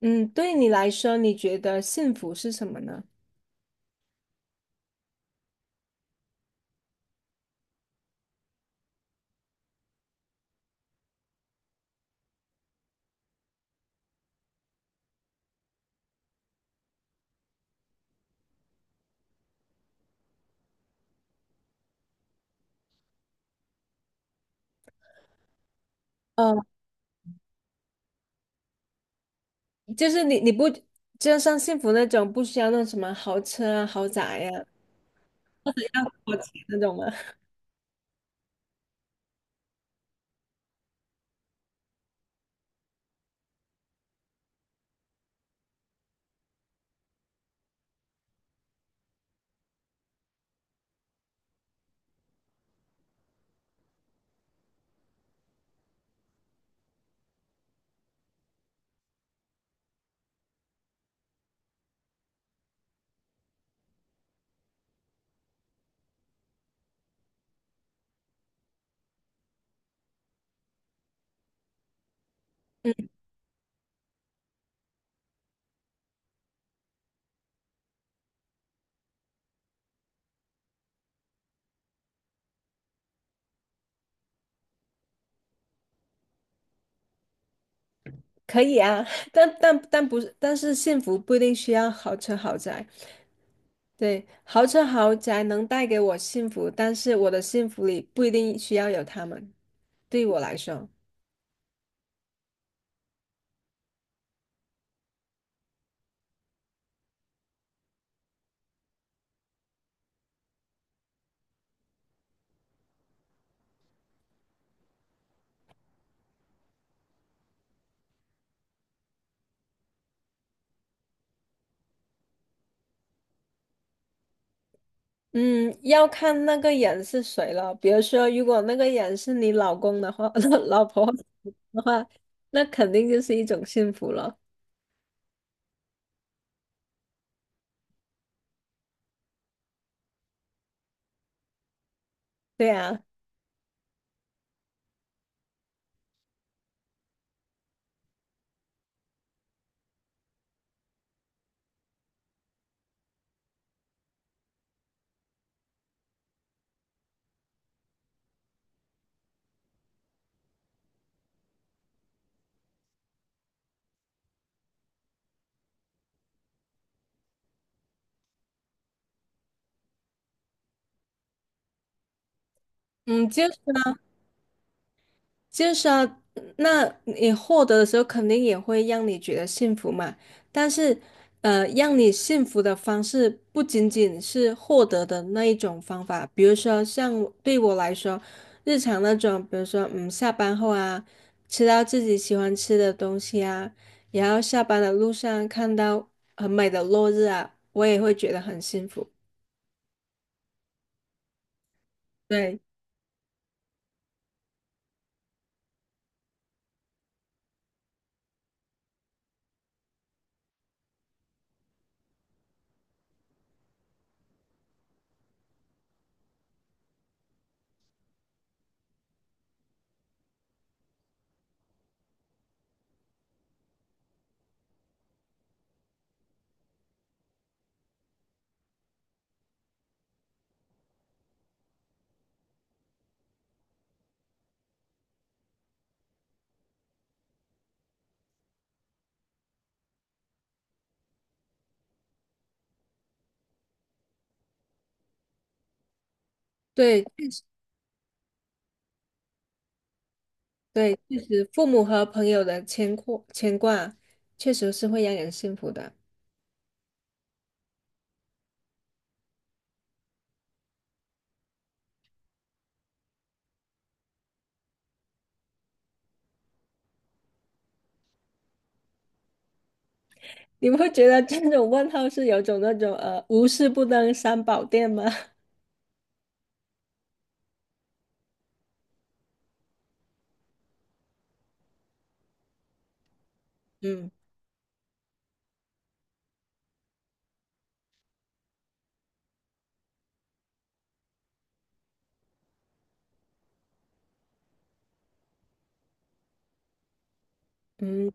嗯，对你来说，你觉得幸福是什么呢？呃，就是你不就像幸福那种，不需要那什么豪车啊、豪宅呀、那种吗？嗯，可以啊，但不是，但是幸福不一定需要豪车豪宅。对，豪车豪宅能带给我幸福，但是我的幸福里不一定需要有他们。对于我来说。嗯，要看那个人是谁了。比如说，如果那个人是你老公的话，老婆的话，那肯定就是一种幸福了。对啊，嗯，就是。就是啊，那你获得的时候，肯定也会让你觉得幸福嘛。但是，让你幸福的方式不仅仅是获得的那一种方法，比如说像我来说，日常那种，比如说嗯，下班后啊，吃到自己喜欢吃的东西啊，然后下班的路上看到很美的落日啊，我也会觉得很幸福。对对，对，确实，父母和朋友的牵挂，确实是会让人幸福的。你不会觉得这种问候是有种那种无事不登三宝殿吗？嗯嗯，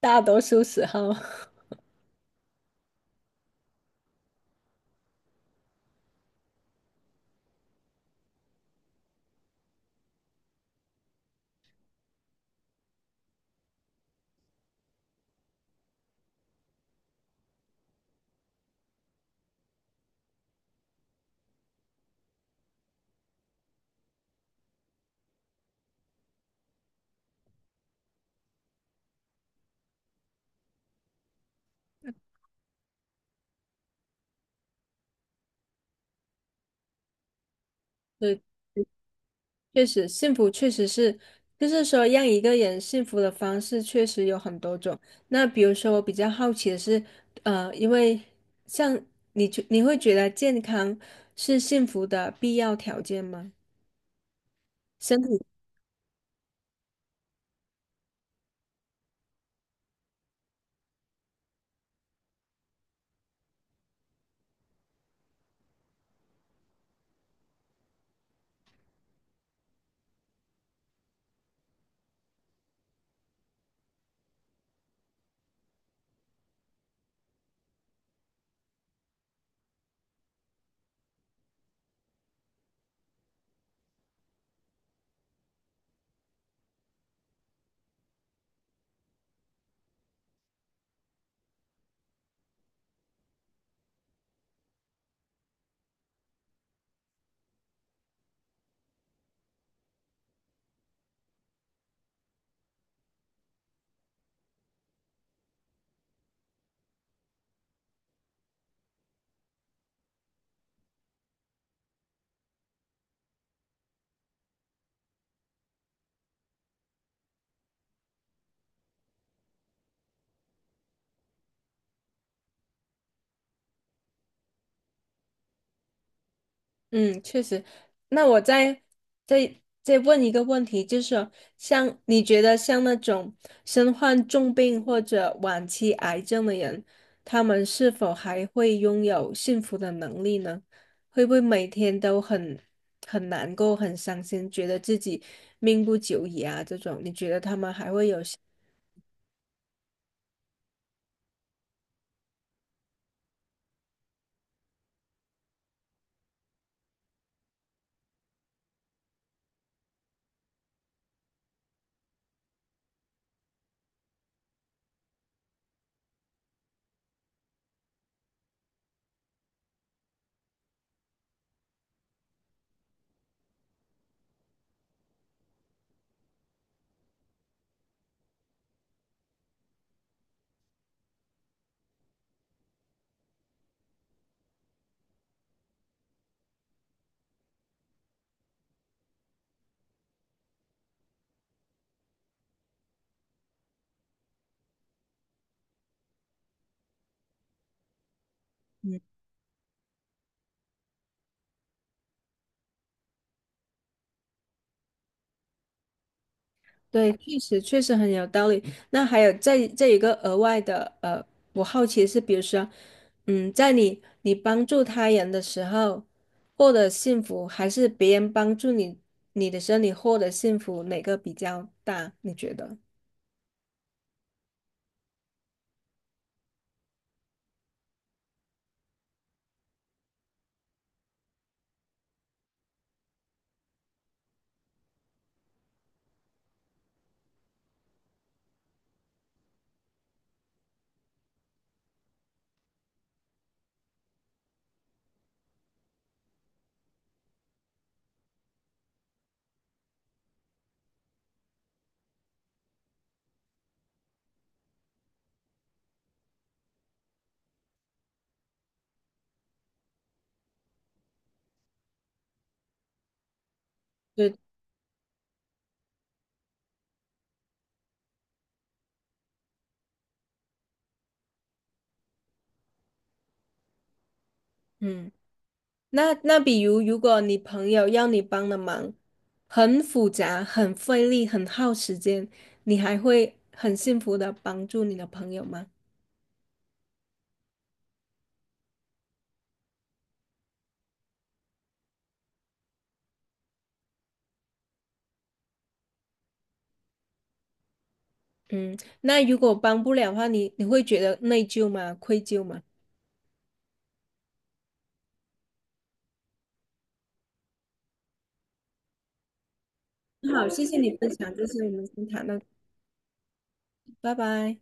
大多数时候，对，确实幸福确实是，就是说让一个人幸福的方式确实有很多种。那比如说，我比较好奇的是，呃，因为像你觉你会觉得健康是幸福的必要条件吗？身体嗯，确实。那我再再问一个问题，就是像你觉得像那种身患重病或者晚期癌症的人，他们是否还会拥有幸福的能力呢？会不会每天都很难过、很伤心，觉得自己命不久矣啊？这种，你觉得他们还会有？对，确实确实很有道理。那还有这一个额外的，我好奇是，比如说，嗯，在你帮助他人的时候获得幸福，还是别人帮助你的时候你获得幸福，哪个比较大？你觉得？对，嗯，那比如如果你朋友要你帮的忙，很复杂、很费力、很耗时间，你还会很幸福的帮助你的朋友吗？嗯，那如果帮不了的话，你会觉得内疚吗？愧疚吗？好，谢谢你分享，这是我们先谈到这里拜拜。